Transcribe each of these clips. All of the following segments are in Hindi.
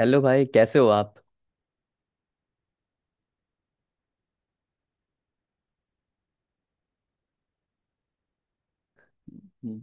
हेलो भाई, कैसे हो आप? हम्म।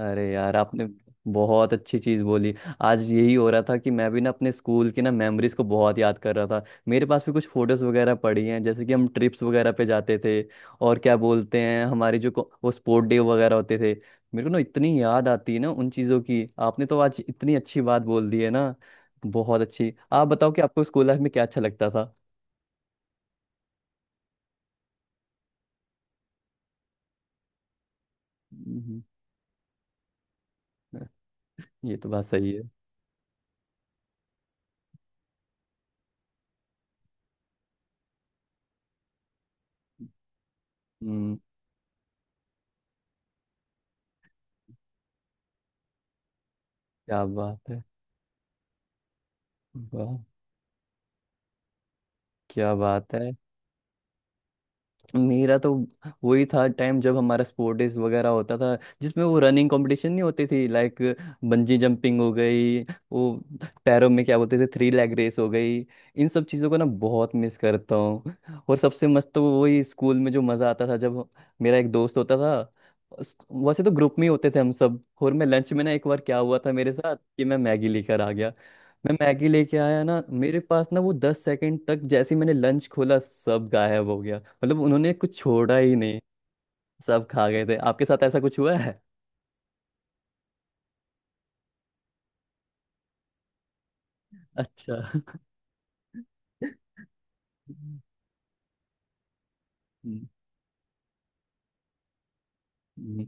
अरे यार, आपने बहुत अच्छी चीज़ बोली। आज यही हो रहा था कि मैं भी ना अपने स्कूल की ना मेमोरीज को बहुत याद कर रहा था। मेरे पास भी कुछ फोटोज़ वगैरह पड़ी हैं, जैसे कि हम ट्रिप्स वगैरह पे जाते थे। और क्या बोलते हैं, हमारी जो वो स्पोर्ट डे वगैरह होते थे। मेरे को ना इतनी याद आती है ना उन चीज़ों की। आपने तो आज इतनी अच्छी बात बोल दी है ना, बहुत अच्छी। आप बताओ कि आपको स्कूल लाइफ में क्या अच्छा लगता था? हम्म। ये तो बात सही है। हम्म। क्या बात है। वाह। क्या बात है। मेरा तो वही था टाइम जब हमारा स्पोर्ट डेज वगैरह होता था, जिसमें वो रनिंग कंपटीशन नहीं होती थी। लाइक बंजी जंपिंग हो गई, वो पैरों में क्या बोलते थे, थ्री लेग रेस हो गई। इन सब चीज़ों को ना बहुत मिस करता हूँ। और सबसे मस्त तो वही, स्कूल में जो मज़ा आता था जब मेरा एक दोस्त होता था। उस- वैसे तो ग्रुप में ही होते थे हम सब, और मैं लंच में ना एक बार क्या हुआ था मेरे साथ कि मैं मैगी लेकर आ गया। मैं मैगी लेके आया ना, मेरे पास ना वो 10 सेकंड तक, जैसे ही मैंने लंच खोला, सब गायब हो गया। मतलब उन्होंने कुछ छोड़ा ही नहीं। सब खा गए थे। आपके साथ ऐसा कुछ हुआ है? अच्छा। हम्म। हम्म।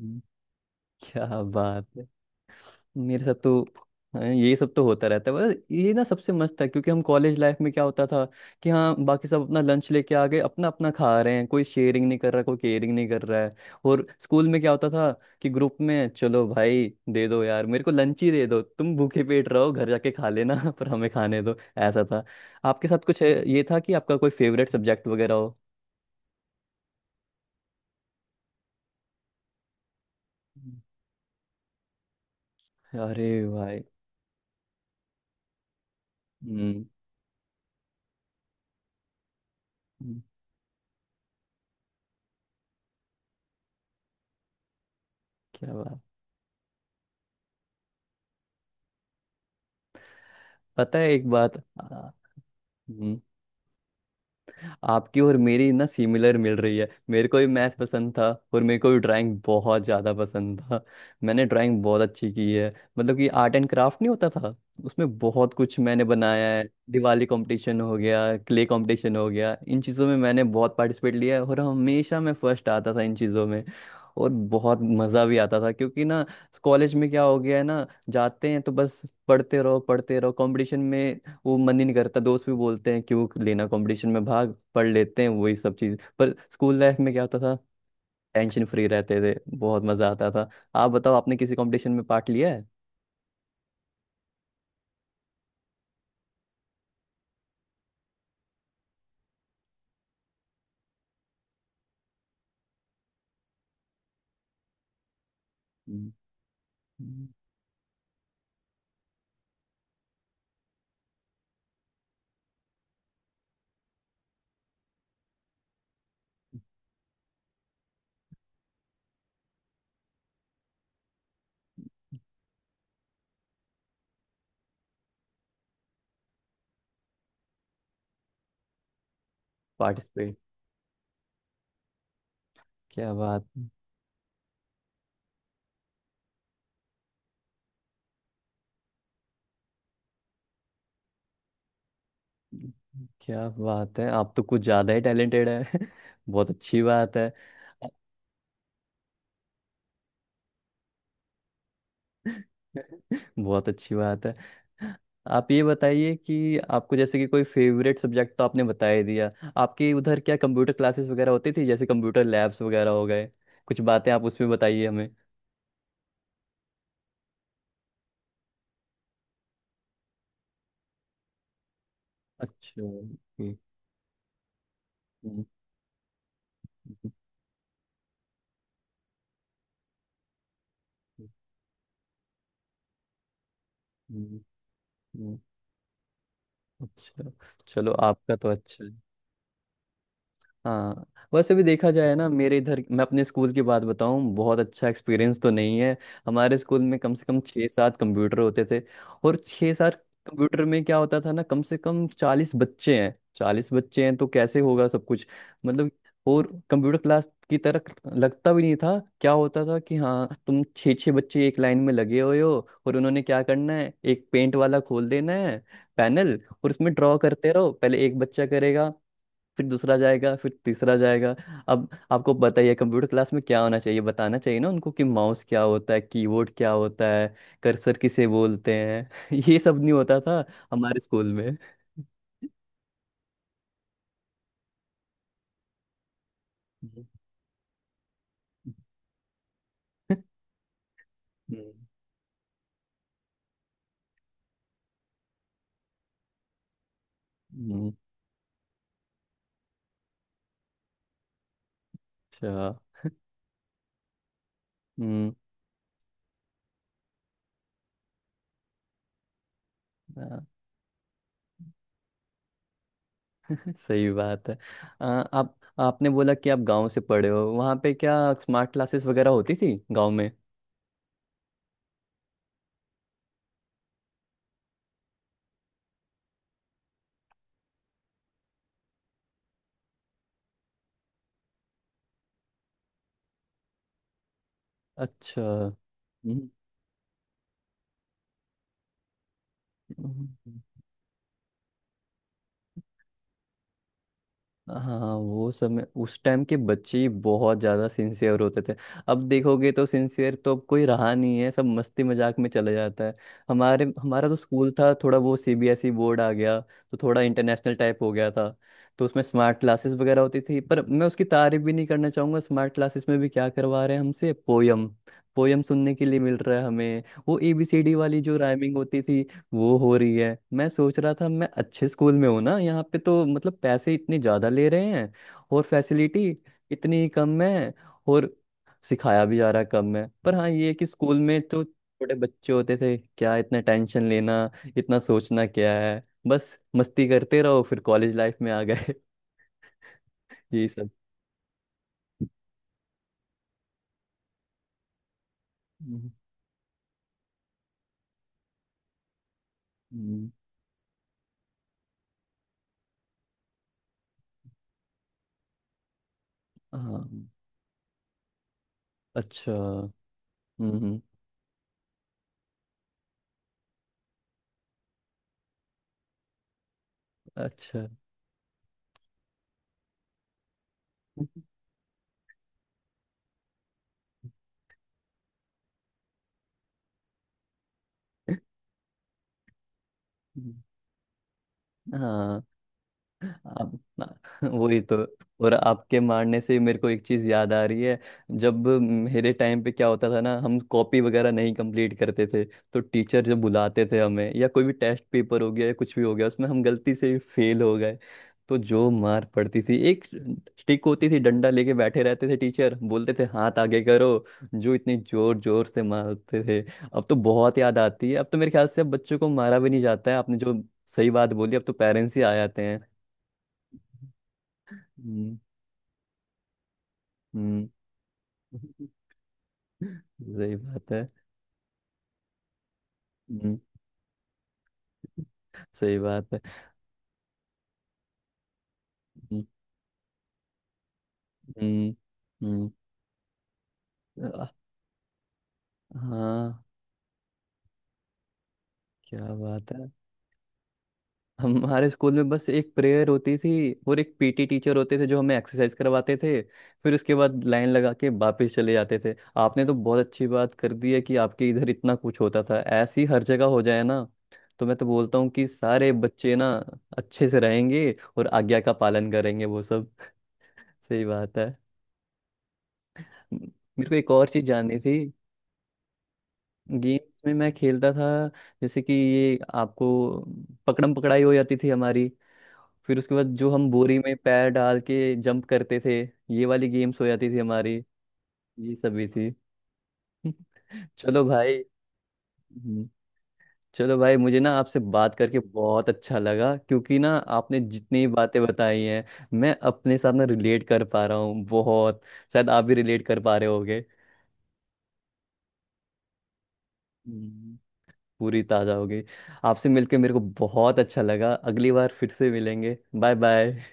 हम्म। क्या बात है। मेरे साथ तो, हाँ, ये सब तो होता रहता है। बस ये ना सबसे मस्त था, क्योंकि हम कॉलेज लाइफ में क्या होता था कि हाँ, बाकी सब अपना लंच लेके आ गए, अपना अपना खा रहे हैं, कोई शेयरिंग नहीं कर रहा, कोई केयरिंग नहीं कर रहा है। और स्कूल में क्या होता था कि ग्रुप में, चलो भाई, दे दो यार, मेरे को लंच ही दे दो, तुम भूखे पेट रहो, घर जाके खा लेना, पर हमें खाने दो, ऐसा था। आपके साथ कुछ ये था कि आपका कोई फेवरेट सब्जेक्ट वगैरह हो? हम्म। अरे भाई। हम्म। हम्म। क्या बात। पता है एक बात, हम्म। आपकी और मेरी ना सिमिलर मिल रही है। मेरे को भी मैथ्स पसंद था, और मेरे को भी ड्राइंग बहुत ज़्यादा पसंद था। मैंने ड्राइंग बहुत अच्छी की है। मतलब कि आर्ट एंड क्राफ्ट नहीं होता था, उसमें बहुत कुछ मैंने बनाया है। दिवाली कंपटीशन हो गया, क्ले कंपटीशन हो गया, इन चीज़ों में मैंने बहुत पार्टिसिपेट लिया है, और हमेशा मैं फर्स्ट आता था इन चीज़ों में। और बहुत मज़ा भी आता था, क्योंकि ना कॉलेज में क्या हो गया है ना, जाते हैं तो बस पढ़ते रहो पढ़ते रहो, कंपटीशन में वो मन ही नहीं करता। दोस्त भी बोलते हैं क्यों लेना कंपटीशन में भाग, पढ़ लेते हैं वही सब चीज़। पर स्कूल लाइफ में क्या होता था, टेंशन फ्री रहते थे, बहुत मजा आता था। आप बताओ आपने किसी कंपटीशन में पार्ट लिया है? पार्टिसिपेट। क्या बात। क्या बात है, आप तो कुछ ज़्यादा ही टैलेंटेड है। बहुत अच्छी बात है। बहुत अच्छी बात है। आप ये बताइए कि आपको, जैसे कि कोई फेवरेट सब्जेक्ट, तो आपने बता ही दिया। आपके उधर क्या कंप्यूटर क्लासेस वगैरह होती थी, जैसे कंप्यूटर लैब्स वगैरह हो गए? कुछ बातें आप उसमें बताइए हमें। अच्छा, ओके। हम्म। हम्म। हम्म। हम्म। हम्म। अच्छा। चलो, आपका तो अच्छा है। हाँ। वैसे भी देखा जाए ना, मेरे इधर, मैं अपने स्कूल की बात बताऊं, बहुत अच्छा एक्सपीरियंस तो नहीं है। हमारे स्कूल में कम से कम छः सात कंप्यूटर होते थे, और छः सात कंप्यूटर में क्या होता था ना, कम से कम 40 बच्चे हैं, चालीस बच्चे हैं, तो कैसे होगा सब कुछ? मतलब, और कंप्यूटर क्लास की तरह लगता भी नहीं था। क्या होता था कि हाँ, तुम छः छः बच्चे एक लाइन में लगे हुए हो, और उन्होंने क्या करना है, एक पेंट वाला खोल देना है, पैनल, और उसमें ड्रॉ करते रहो। पहले एक बच्चा करेगा, फिर दूसरा जाएगा, फिर तीसरा जाएगा। अब आपको बताइए कंप्यूटर क्लास में क्या होना चाहिए, बताना चाहिए ना उनको कि माउस क्या होता है, कीबोर्ड क्या होता है, कर्सर किसे बोलते हैं। ये सब नहीं होता था हमारे स्कूल में। हम्म। हम्म। अच्छा। हम्म। हाँ। सही बात है। आ, आप आपने बोला कि आप गांव से पढ़े हो, वहाँ पे क्या स्मार्ट क्लासेस वगैरह होती थी गांव में? अच्छा। हम्म। हाँ, वो समय, उस टाइम के बच्चे ही बहुत ज़्यादा सिंसियर होते थे। अब देखोगे तो सिंसियर तो अब कोई रहा नहीं है, सब मस्ती मजाक में चले जाता है। हमारे हमारा तो स्कूल था थोड़ा, वो सीबीएसई बोर्ड आ गया तो थोड़ा इंटरनेशनल टाइप हो गया था। तो उसमें स्मार्ट क्लासेस वगैरह होती थी, पर मैं उसकी तारीफ भी नहीं करना चाहूँगा। स्मार्ट क्लासेस में भी क्या करवा रहे हैं हमसे, पोयम? पोयम सुनने के लिए मिल रहा है हमें, वो एबीसीडी वाली जो राइमिंग होती थी, वो हो रही है। मैं सोच रहा था मैं अच्छे स्कूल में हूँ ना यहाँ पे, तो मतलब पैसे इतने ज़्यादा ले रहे हैं, और फैसिलिटी इतनी कम है, और सिखाया भी जा रहा है कम है। पर हाँ, ये है कि स्कूल में तो छोटे बच्चे होते थे, क्या इतना टेंशन लेना, इतना सोचना क्या है, बस मस्ती करते रहो। फिर कॉलेज लाइफ में आ गए, यही सब। हम्म। हम्म। हाँ। अच्छा। हम्म। अच्छा। हम्म। हाँ। आप वही तो। और आपके मारने से मेरे को एक चीज याद आ रही है, जब मेरे टाइम पे क्या होता था ना, हम कॉपी वगैरह नहीं कंप्लीट करते थे, तो टीचर जब बुलाते थे हमें, या कोई भी टेस्ट पेपर हो गया, या कुछ भी हो गया, उसमें हम गलती से फेल हो गए, तो जो मार पड़ती थी, एक स्टिक होती थी, डंडा लेके बैठे रहते थे टीचर, बोलते थे हाथ आगे करो, जो इतनी जोर जोर से मारते थे। अब तो बहुत याद आती है, अब तो मेरे ख्याल से अब बच्चों को मारा भी नहीं जाता है। आपने जो सही बात बोली, अब तो पेरेंट्स ही आ जाते हैं। हम्म। हम्म। सही बात है। हम्म। सही बात है। हम्म। हम्म। हम्म। आ- हाँ। क्या बात है। हमारे स्कूल में बस एक प्रेयर होती थी, और एक पीटी टीचर होते थे जो हमें एक्सरसाइज करवाते थे, फिर उसके बाद लाइन लगा के वापस चले जाते थे। आपने तो बहुत अच्छी बात कर दी है कि आपके इधर इतना कुछ होता था। ऐसी हर जगह हो जाए ना, तो मैं तो बोलता हूँ कि सारे बच्चे ना अच्छे से रहेंगे, और आज्ञा का पालन करेंगे वो सब। सही बात है। मेरे को एक और चीज जाननी थी। गेम्स में मैं खेलता था जैसे कि, ये आपको, पकड़म पकड़ाई हो जाती थी हमारी, फिर उसके बाद जो हम बोरी में पैर डाल के जंप करते थे, ये वाली गेम्स हो जाती थी हमारी। ये सब भी थी। चलो भाई। हम्म। चलो भाई, मुझे ना आपसे बात करके बहुत अच्छा लगा, क्योंकि ना आपने जितनी बातें बताई हैं, मैं अपने साथ ना रिलेट कर पा रहा हूँ बहुत, शायद आप भी रिलेट कर पा रहे होगे। हम्म। पूरी ताजा हो गई। आपसे मिलके मेरे को बहुत अच्छा लगा, अगली बार फिर से मिलेंगे। Bye bye.